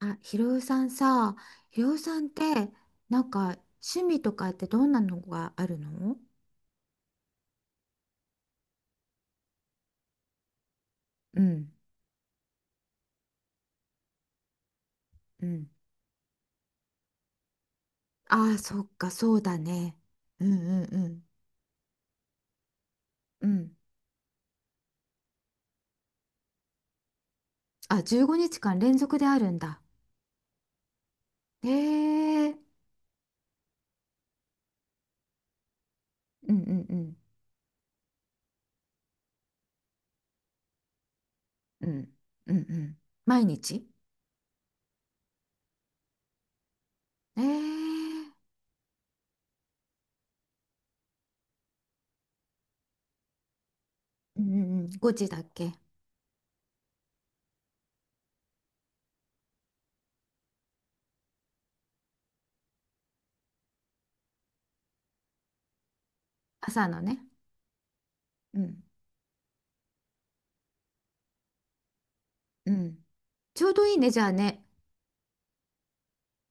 あ、ひろゆさんさ、ひろゆさんって、なんか趣味とかってどんなのがあるの？うん、うん、ああ、そっか、そうだね。うんうんうん。うん。あ、15日間連続であるんだ。へえ、うん、うん、うん、うん、うん、うん、毎日？ええ、うん、うんうん、5時だっけ？朝のね。うん、うん、ちょうどいいね、じゃあね。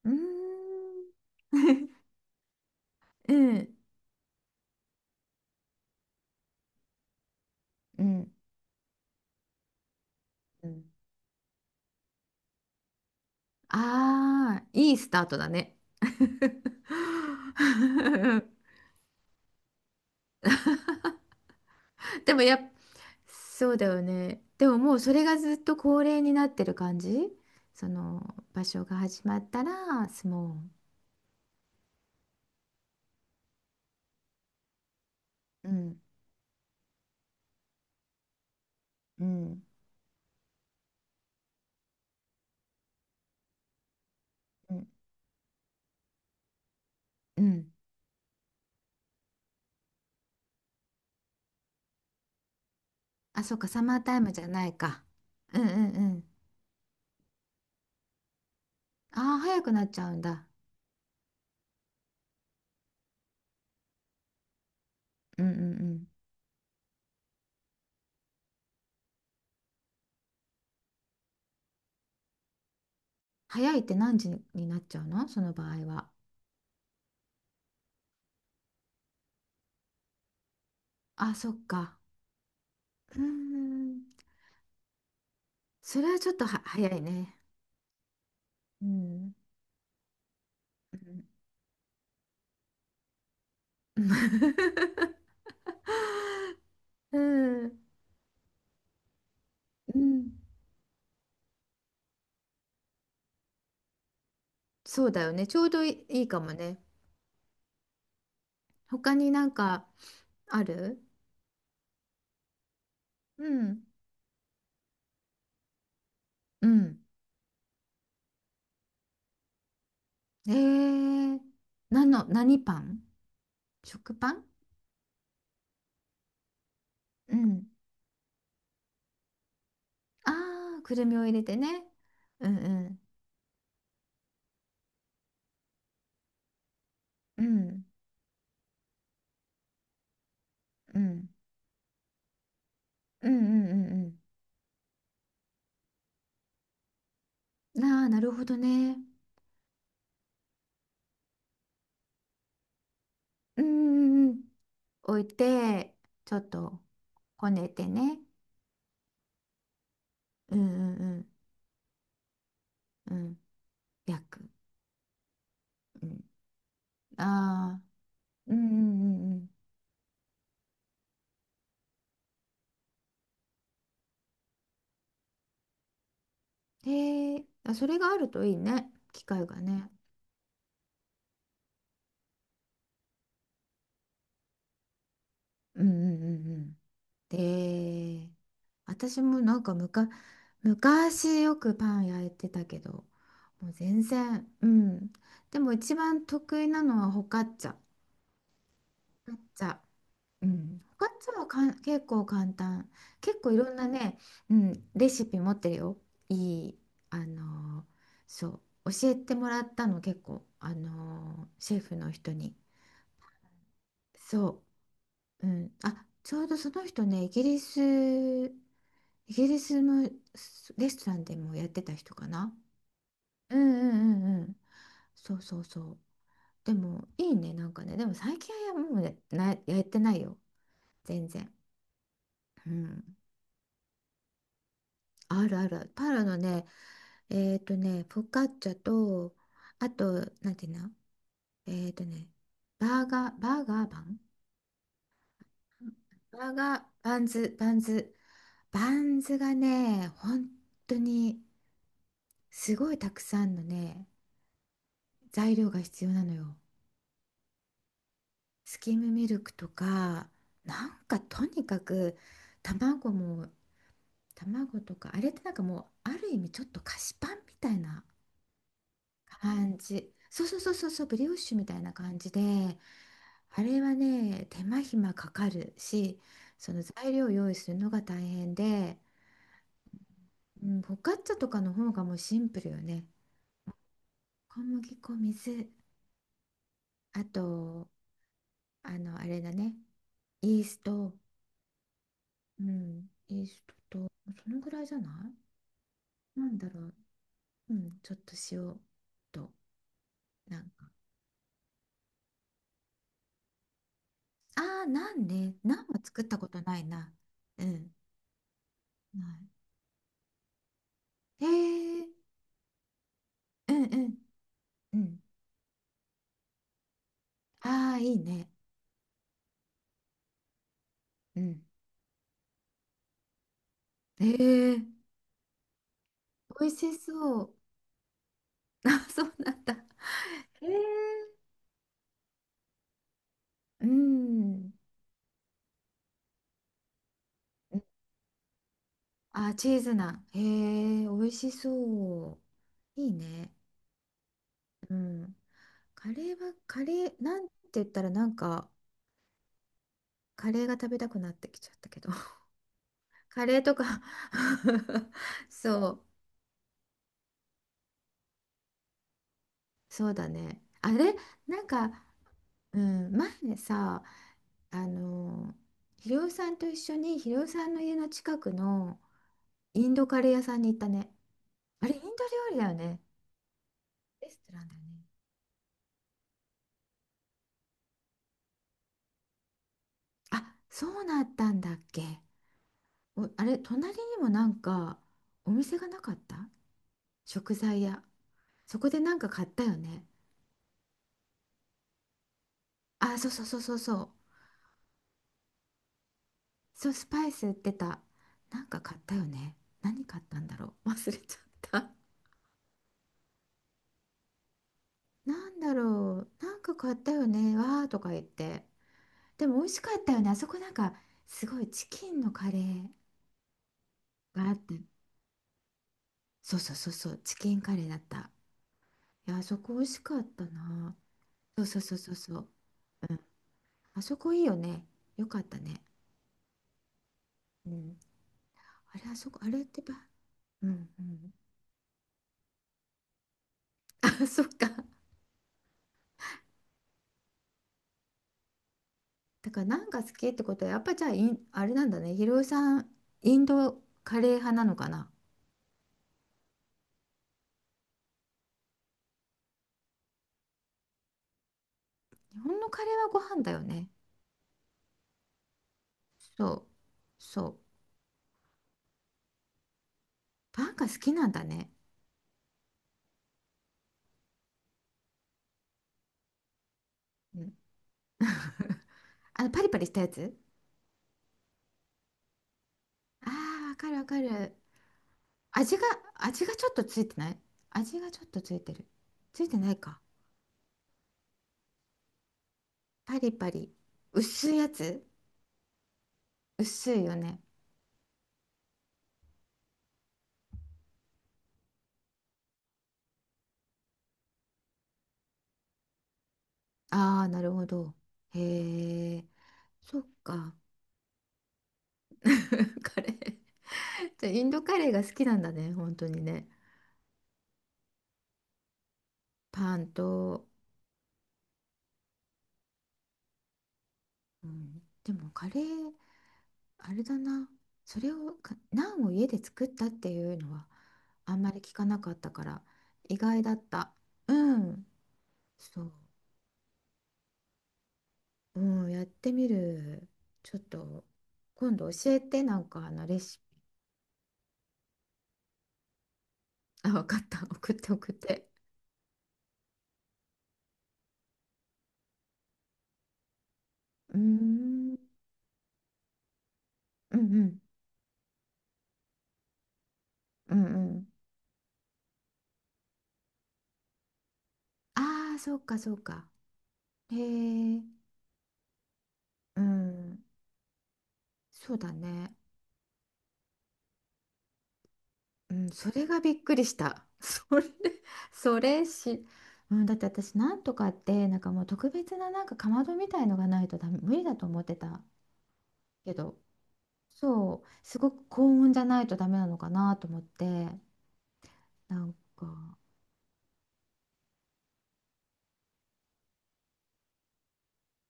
うーん。うん。うん、うん、ああ、いいスタートだね。でもやっ、そうだよね。でももうそれがずっと恒例になってる感じ？その場所が始まったら相撲。うん、うん、うん、うん。あ、そうか、サマータイムじゃないか。うんうんうん。ああ、早くなっちゃうんだ。うんうんうん。早いって何時になっちゃうのその場合は？あ、そっか。うーん。それはちょっとは早いね。うん。うん。 うんうん、そうだよね。ちょうどいい、いいかもね。他にある？うん。うん。えー、何の、何パン？食パン？うん。ああ、くるみを入れてね。うんうん。うん。うん。うんうんうんうん。ああ、なるほどね。うんうんうん。置いて、ちょっと、こねてね。うんうんうん。うん。焼く。うん。ああ。うんうんうんうん。へえ、あ、それがあるといいね。機会がね。うんうんうんうん。で、私もむか、昔よくパン焼いてたけど、もう全然、うん。でも一番得意なのはホカッチャ。ホカッチャ。うん。ホカッチャはかん、結構簡単。結構いろんなね、うん、レシピ持ってるよ。いい、あのーそう。教えてもらったの結構、シェフの人に。そう、うん、あ、ちょうどその人ね、イギリス、イギリスのすレストランでもやってた人かな。うんうんうんうん。そうそうそう。でもいいね、でも最近はもうね、な、やってないよ、全然。うん、あるある。パラのね、えっとね、フォカッチャと、あと、なんていうの、えっとね、バーガー、バーガーパン。バーガー、バンズ、バンズ。バンズがね、本当にすごいたくさんのね、材料が必要なのよ。スキムミルクとか、とにかく卵も、卵とか、あれってもうある意味ちょっと菓子パンみたいな感じ。そうそうそうそうそう、ブリオッシュみたいな感じで、あれはね、手間暇かかるし、その材料を用意するのが大変で、うん、フォカッチャとかの方がもうシンプルよね。小麦粉、水、あと、あの、あれだね。イースト、うん、イーストと、そのぐらいじゃない？なんだろう。うん、ちょっと塩と、なんか。ああ、ナンね。ナンは作ったことないな。うん、ない。へえ、うんうん、うん。ああ、いいね。うん。へえ、美味しそう。あ、そうなんだ。へえ、うん。あ、チーズナン。へえ、美味しそう。いいね。うん。カレーは、カレー、なんて言ったら、カレーが食べたくなってきちゃったけど。カレーとか。 そう、そうだね。あれ、なんか、うん、前さ、あの、ひろおさんと一緒に、ひろおさんの家の近くのインドカレー屋さんに行ったね。あれ、インド料理だよね。レストランだよね。あ、そうなったんだっけ。お、あれ、隣にもお店がなかった？食材屋。そこで買ったよね。あ、そうそうそうそうそう。そう、スパイス売ってた。買ったよね。何買ったんだろう。忘れちゃった。なんだろう。買ったよね。わーとか言って。でも美味しかったよね。あそこすごいチキンのカレーがあって。そうそうそうそう。チキンカレーだった。いや、あそこ美味しかったな。そうそうそうそうそう。うん。あそこいいよね。よかったね。うん、あれ、あそこ、あれってば、うんうん。あ、そっか。だから好きってことは、やっぱじゃあ、インあれなんだね。ひろゆさん、インドカレー派なのかな。日本のカレーはご飯だよね。そう、そう。パンが好きなんだね。うん。あの、パリパリしたやつ。ああー、わかるわかる。味が、味がちょっとついてない？味がちょっとついてる。ついてないか。パリパリ。薄いやつ。薄いよね。ああ、なるほど。へえ、そっか。カレー。じゃあインドカレーが好きなんだね、本当にね。パンと、うん、でもカレー、あれだな。それをか、ナンを家で作ったっていうのはあんまり聞かなかったから、意外だった。うん、そう。うん、やってみる。ちょっと、今度教えて、あのレシピ。あ、わかった。送って送って。うーん、うんうん、うんうん。ああ、そうか、そうか。へえ、うん、そうだね。うん、それがびっくりした。それ、それし、うん、だって私、なんとかって、もう特別なかまどみたいのがないとダメ、無理だと思ってたけど、そう、すごく高温じゃないとダメなのかなと思って、なんか、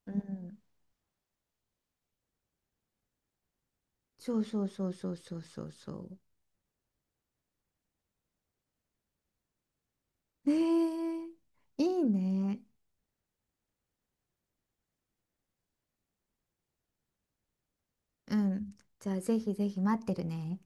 うん、そうそうそうそうそうそうそう。ねえ、いいね。うん、じゃあ、ぜひぜひ待ってるね。